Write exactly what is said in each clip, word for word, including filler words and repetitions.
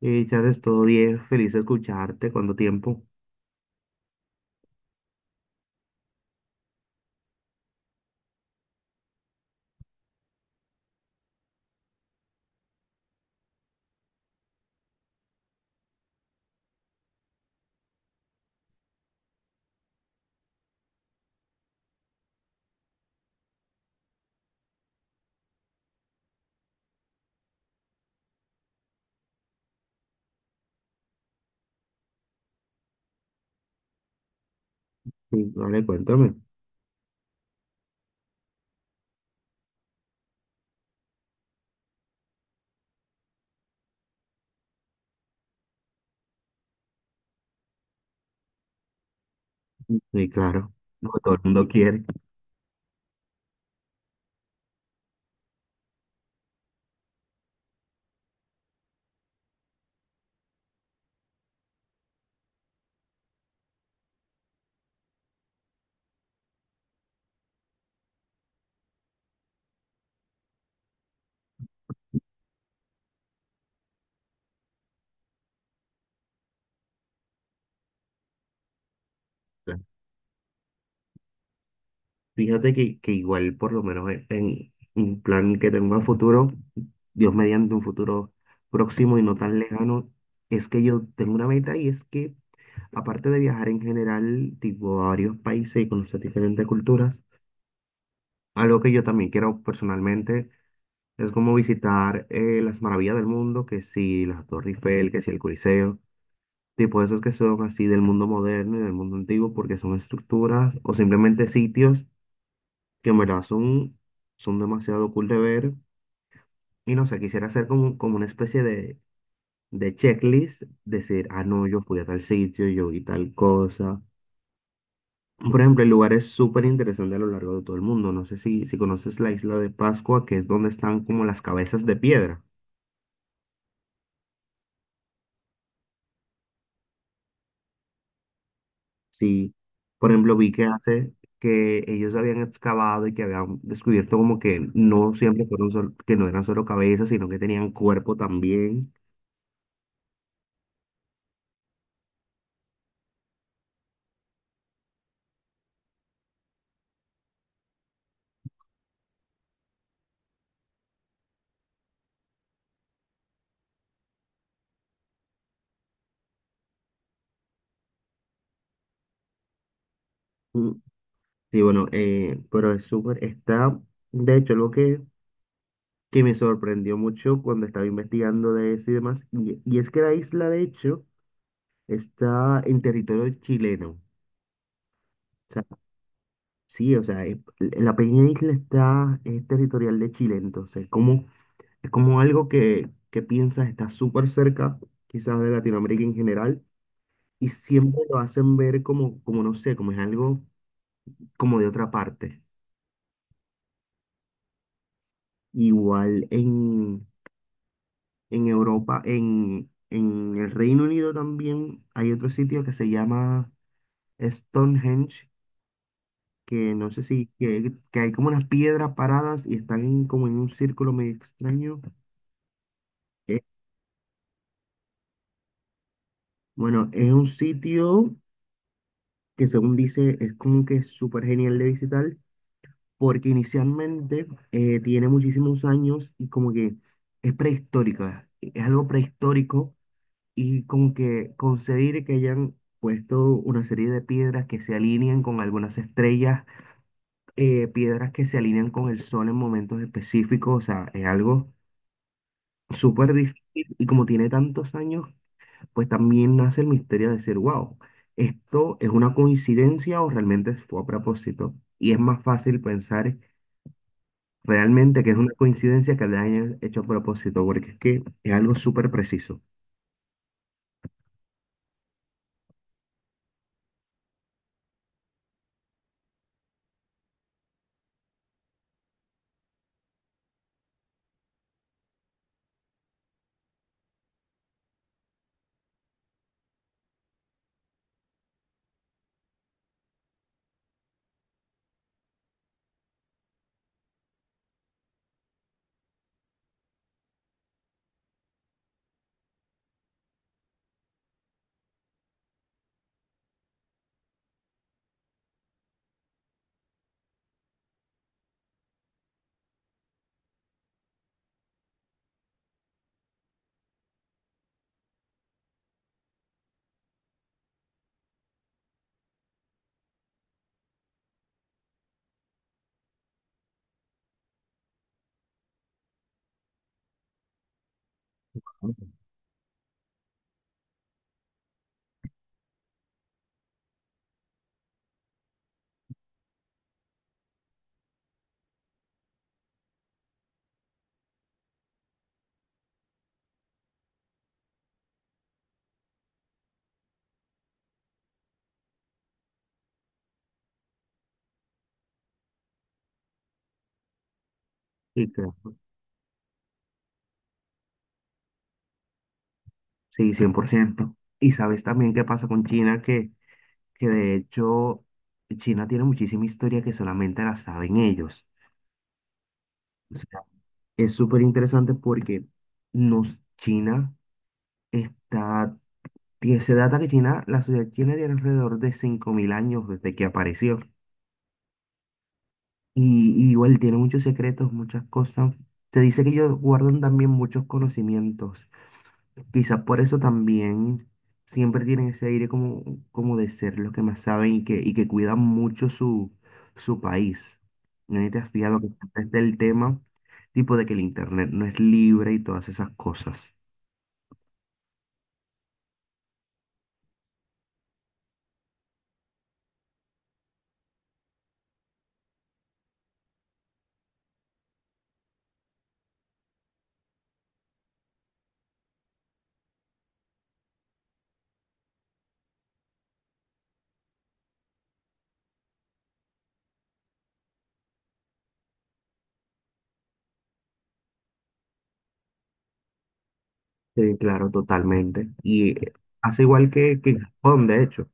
Y Charles, todo bien, feliz de escucharte, ¿cuánto tiempo? Sí, vale, cuéntame. Sí, claro, lo que todo el mundo quiere. Claro. Fíjate que, que igual, por lo menos en, en un plan que tengo a futuro, Dios mediante un futuro próximo y no tan lejano, es que yo tengo una meta y es que, aparte de viajar en general, tipo a varios países y conocer diferentes culturas, algo que yo también quiero personalmente es como visitar eh, las maravillas del mundo, que si la Torre Eiffel, que si el Coliseo. Tipo esos que son así del mundo moderno y del mundo antiguo, porque son estructuras o simplemente sitios que en verdad son, son demasiado cool de ver. Y no sé, quisiera hacer como, como una especie de, de checklist, decir, ah, no, yo fui a tal sitio, yo vi tal cosa. Por ejemplo, el lugar es súper interesante a lo largo de todo el mundo. No sé si, si conoces la isla de Pascua, que es donde están como las cabezas de piedra. Sí, por ejemplo, vi que hace que ellos habían excavado y que habían descubierto como que no siempre fueron sol- que no eran solo cabezas, sino que tenían cuerpo también. Mm, Sí, bueno, eh, pero es súper, está, de hecho, lo que, que me sorprendió mucho cuando estaba investigando de eso y demás, y, y es que la isla, de hecho, está en territorio chileno. Sí, o sea, es- la pequeña isla está, es territorial de Chile, entonces, como, es como algo que, que piensas está súper cerca, quizás de Latinoamérica en general, y siempre lo hacen ver como, como no sé, como es algo como de otra parte. Igual en, en Europa, en, en el Reino Unido también hay otro sitio que se llama Stonehenge, que no sé si, que, que hay como unas piedras paradas y están como en un círculo medio extraño. Bueno, es un sitio que según dice es como que súper genial de visitar porque inicialmente eh, tiene muchísimos años y como que es prehistórica, e-, es algo prehistórico y como que conseguir que hayan puesto una serie de piedras que se alinean con algunas estrellas, eh, piedras que se alinean con el sol en momentos específicos, o sea, es algo súper difícil y como tiene tantos años pues también nace el misterio de decir, wow, esto es una coincidencia o realmente fue a propósito. Y es más fácil pensar realmente que es una coincidencia que le hayan hecho a propósito, porque es que es algo súper preciso. Sí, claro. Sí, cien por ciento. Y sabes también qué pasa con China, que, que de hecho China tiene muchísima historia que solamente la saben ellos. O sea, es súper interesante porque nos, China está Tie- Se data que China, la sociedad china tiene alrededor de cinco mil años desde que apareció. Y, y igual tiene muchos secretos, muchas cosas. Se dice que ellos guardan también muchos conocimientos. Quizás por eso también siempre tienen ese aire como, como de ser los que más saben y que, y que cuidan mucho su, su país. No sé si te has fijado que siempre está el tema, tipo de que el internet no es libre y todas esas cosas. Sí, claro, totalmente. Y eh, hace igual que, que en Japón, de hecho.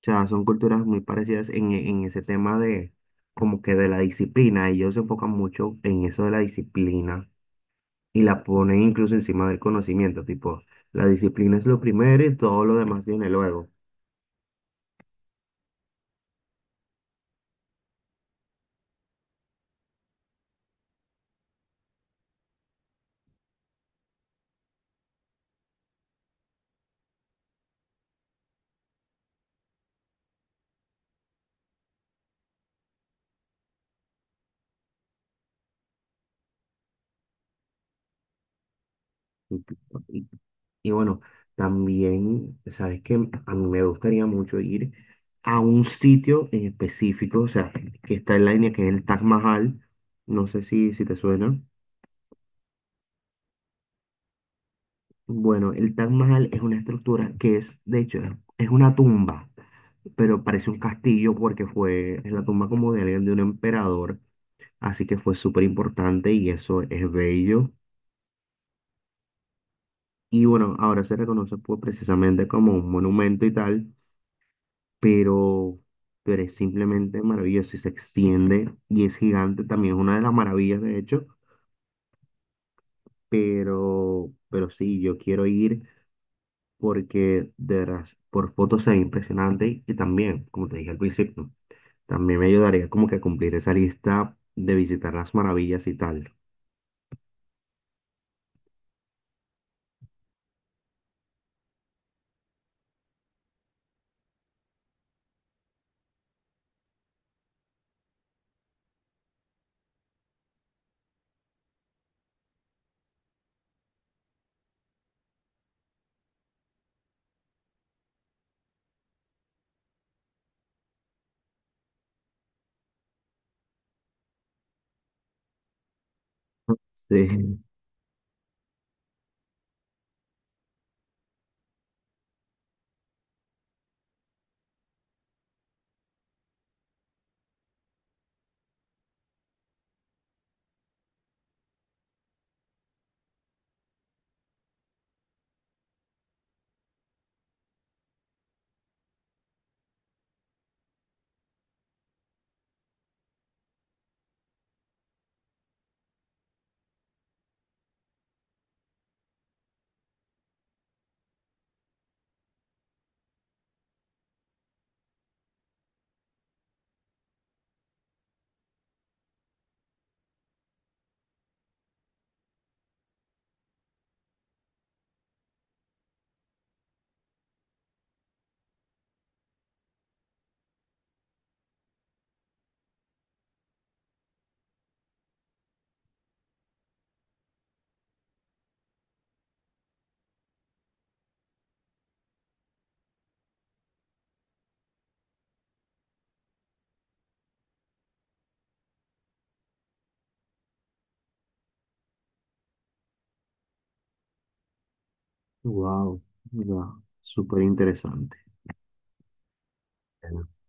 O sea, son culturas muy parecidas en, en ese tema de como que de la disciplina. Ellos se enfocan mucho en eso de la disciplina y la ponen incluso encima del conocimiento. Tipo, la disciplina es lo primero y todo lo demás viene luego. Y, y- y bueno, también, sabes que a mí me gustaría mucho ir a un sitio en específico, o sea, que está en la línea que es el Taj Mahal. No sé si, si te suena. Bueno, el Taj Mahal es una estructura que es, de hecho, es es una tumba, pero parece un castillo porque fue, es la tumba como de alguien, de un emperador, así que fue súper importante y eso es bello. Y bueno, ahora se reconoce pues, precisamente como un monumento y tal, pero, pero es simplemente maravilloso y se extiende y es gigante, también es una de las maravillas, de hecho, pero, pero sí, yo quiero ir, porque de veras, por fotos se ve impresionante y también, como te dije al principio, también me ayudaría como que a cumplir esa lista de visitar las maravillas y tal. Sí, wow, wow, súper interesante.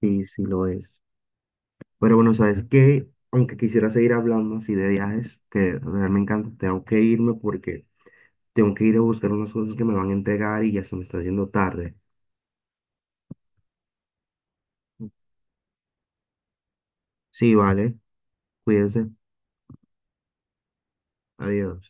Sí, sí lo es. Pero bueno, sabes que, aunque quisiera seguir hablando así de viajes, que de verdad me encanta, tengo que irme porque tengo que ir a buscar unas cosas que me van a entregar y ya se me está haciendo tarde. Sí, vale, cuídense, adiós.